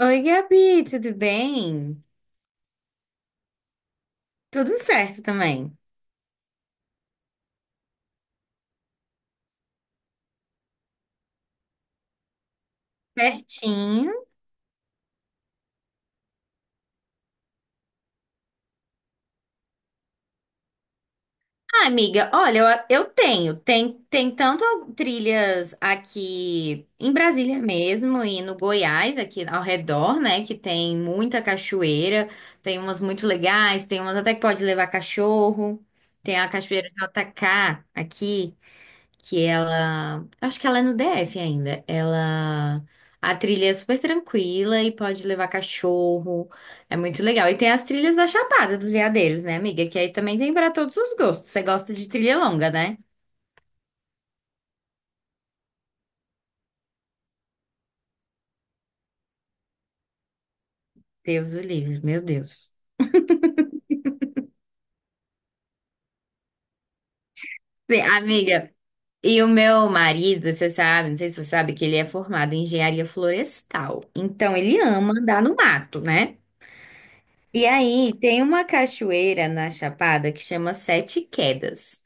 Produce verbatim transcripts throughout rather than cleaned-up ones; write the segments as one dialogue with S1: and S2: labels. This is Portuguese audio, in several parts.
S1: Oi, Gabi, tudo bem? Tudo certo também. Certinho. Ah, amiga, olha, eu, eu tenho. Tem, tem tanto trilhas aqui em Brasília mesmo e no Goiás, aqui ao redor, né? Que tem muita cachoeira. Tem umas muito legais, tem umas até que pode levar cachorro. Tem a Cachoeira jota ka aqui, que ela, acho que ela é no dê efe ainda. Ela, a trilha é super tranquila e pode levar cachorro. É muito legal. E tem as trilhas da Chapada dos Veadeiros, né, amiga? Que aí também tem para todos os gostos. Você gosta de trilha longa, né? Deus o livre, meu Deus. Sim, amiga, e o meu marido, você sabe, não sei se você sabe que ele é formado em engenharia florestal. Então ele ama andar no mato, né? E aí, tem uma cachoeira na Chapada que chama Sete Quedas,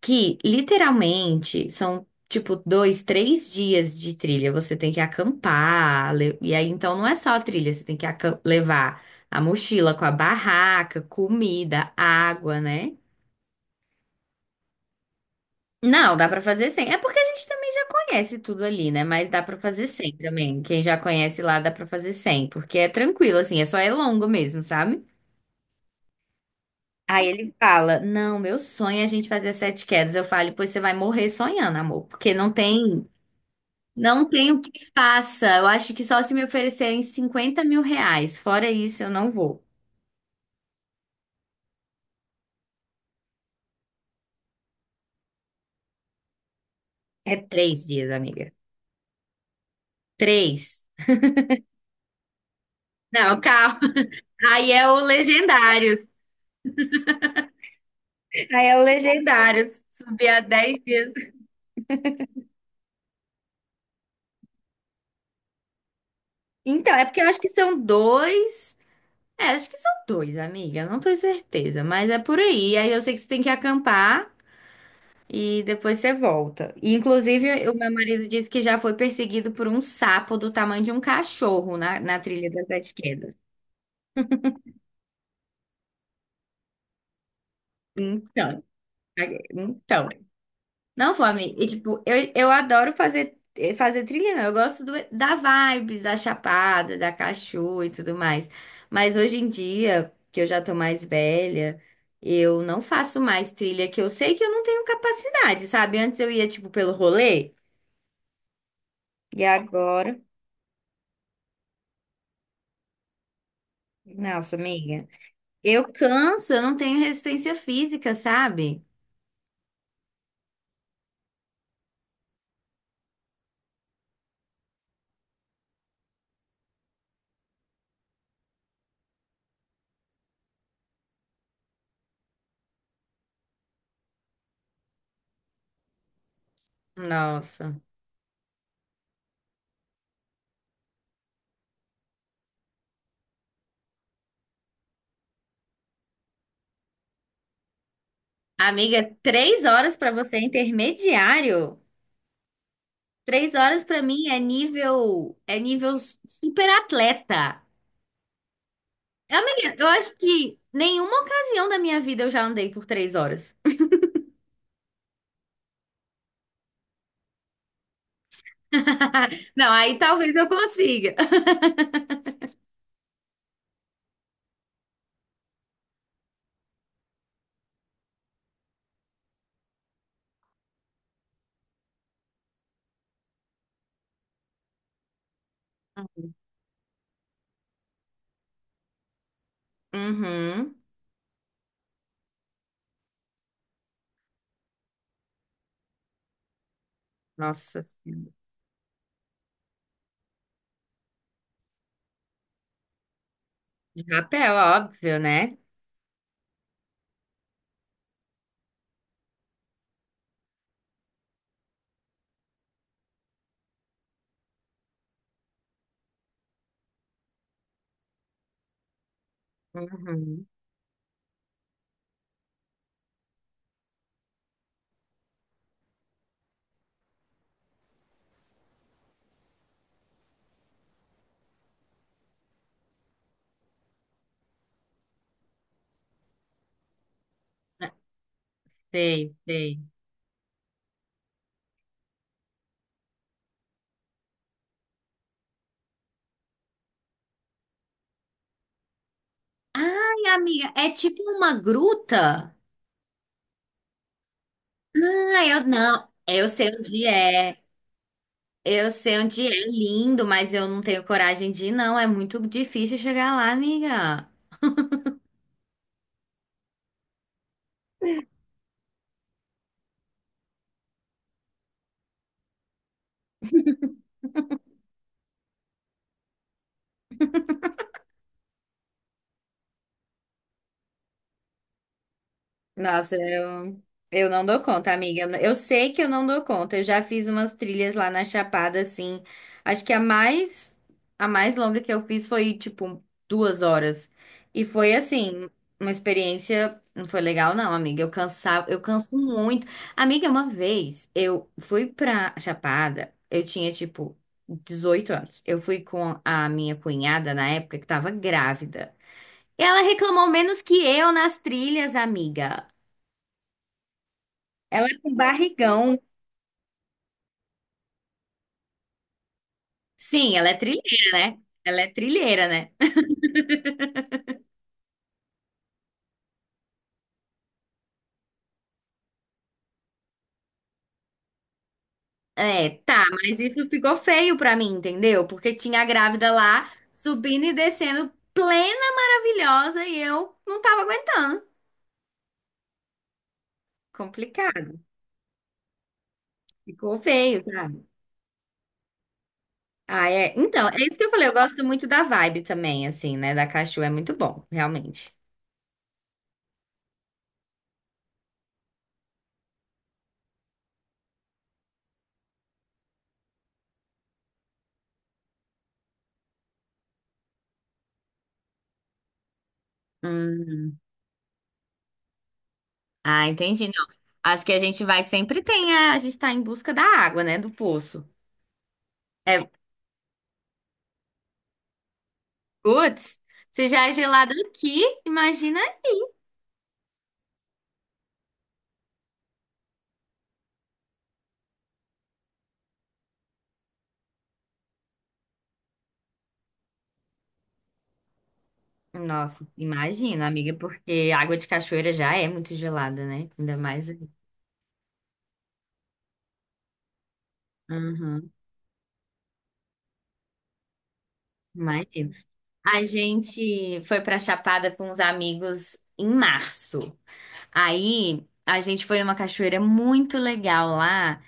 S1: que literalmente são tipo dois, três dias de trilha. Você tem que acampar, le- e aí então não é só a trilha, você tem que acam- levar a mochila com a barraca, comida, água, né? Não, dá pra fazer sem. É porque a gente também já conhece tudo ali, né? Mas dá pra fazer sem também. Quem já conhece lá dá pra fazer sem, porque é tranquilo assim, é só é longo mesmo, sabe? Aí ele fala: "Não, meu sonho é a gente fazer sete quedas". Eu falo: "Pois você vai morrer sonhando, amor, porque não tem. Não tenho que faça. Eu acho que só se me oferecerem cinquenta mil reais. Fora isso, eu não vou." É três dias, amiga. Três. Não, calma. Aí é o legendário. Aí é o legendário. Subir a dez dias. Então, é porque eu acho que são dois. É, acho que são dois, amiga. Eu não tenho certeza, mas é por aí. Aí eu sei que você tem que acampar e depois você volta. E, inclusive, o meu marido disse que já foi perseguido por um sapo do tamanho de um cachorro na, na trilha das Sete. Então, aí- então. Não, fome. E, tipo, eu, eu adoro fazer, eh, fazer trilha, não. Eu gosto do- da vibes, da chapada, da cachoeira e tudo mais. Mas hoje em dia, que eu já tô mais velha, eu não faço mais trilha, que eu sei que eu não tenho capacidade, sabe? Antes eu ia, tipo, pelo rolê, e agora. Nossa, amiga. Eu canso, eu não tenho resistência física, sabe? Nossa. Amiga, três horas pra você é intermediário. Três horas pra mim é nível, é nível super atleta. Amiga, eu acho que nenhuma ocasião da minha vida eu já andei por três horas. Não, aí talvez eu consiga. Uhum. Nossa Senhora. De rapel, óbvio, né? Uhum. É, sei, sei. Ai, amiga, é tipo uma gruta? Ah, eu não. Eu sei onde é. Eu sei onde é lindo, mas eu não tenho coragem de ir, não. É muito difícil chegar lá, amiga. Nossa, eu, eu não dou conta, amiga. Eu, eu sei que eu não dou conta. Eu já fiz umas trilhas lá na Chapada, assim. Acho que a mais, a mais longa que eu fiz foi, tipo, duas horas. E foi, assim, uma experiência. Não foi legal, não, amiga. Eu cansava, eu canso muito. Amiga, uma vez eu fui pra Chapada, eu tinha, tipo, dezoito anos. Eu fui com a minha cunhada na época que tava grávida. Ela reclamou menos que eu nas trilhas, amiga. Ela é com barrigão. Sim, ela é trilheira, né? Ela é trilheira, né? É, tá, mas isso ficou feio pra mim, entendeu? Porque tinha a grávida lá subindo e descendo, plena, maravilhosa, e eu não tava aguentando. Complicado, ficou feio, sabe? Ah, é. Então, é isso que eu falei, eu gosto muito da vibe também, assim, né? Da Cachua é muito bom, realmente. Hum. Ah, entendi. Não. As que a gente vai sempre tem, a, a gente tá em busca da água, né? Do poço. É, putz, se já é gelado aqui, imagina. Nossa, imagina, amiga, porque água de cachoeira já é muito gelada, né? Ainda mais. Uhum, imagina. A gente foi pra Chapada com uns amigos em março. Aí a gente foi numa cachoeira muito legal lá,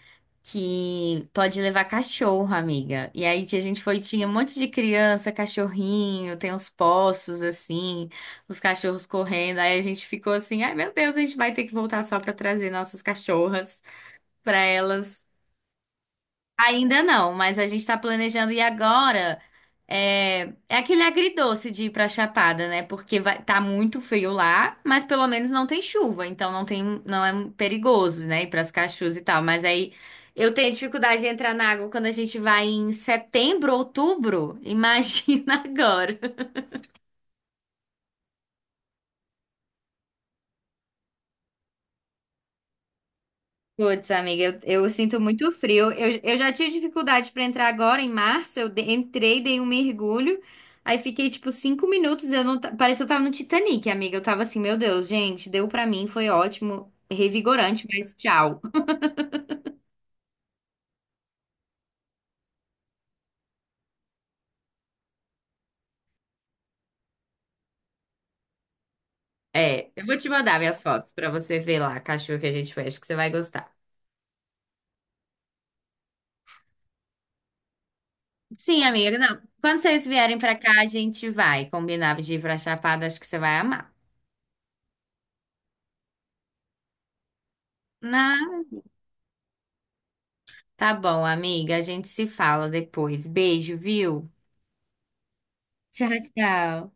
S1: que pode levar cachorro, amiga. E aí a gente foi, tinha um monte de criança, cachorrinho, tem uns poços assim, os cachorros correndo. Aí a gente ficou assim, ai meu Deus, a gente vai ter que voltar só pra trazer nossas cachorras pra elas. Ainda não, mas a gente tá planejando ir agora. É, é aquele agridoce de ir pra Chapada, né? Porque vai, tá muito frio lá, mas pelo menos não tem chuva, então não tem, não é perigoso, né? Ir pras cachoeiras e tal. Mas aí eu tenho dificuldade de entrar na água quando a gente vai em setembro, outubro. Imagina agora. Putz, amiga, eu, eu sinto muito frio. Eu, eu já tive dificuldade para entrar agora em março. Eu de- entrei, dei um mergulho, aí fiquei tipo cinco minutos. Eu não, ta- parecia que eu tava no Titanic, amiga. Eu tava assim, meu Deus, gente, deu pra mim, foi ótimo, revigorante, mas tchau. É, eu vou te mandar minhas fotos pra você ver lá a cachorro que a gente fez, que você vai gostar. Sim, amiga, não. Quando vocês vierem pra cá, a gente vai combinar de ir pra Chapada, acho que você vai amar. Não, tá bom, amiga, a gente se fala depois. Beijo, viu? Tchau, tchau.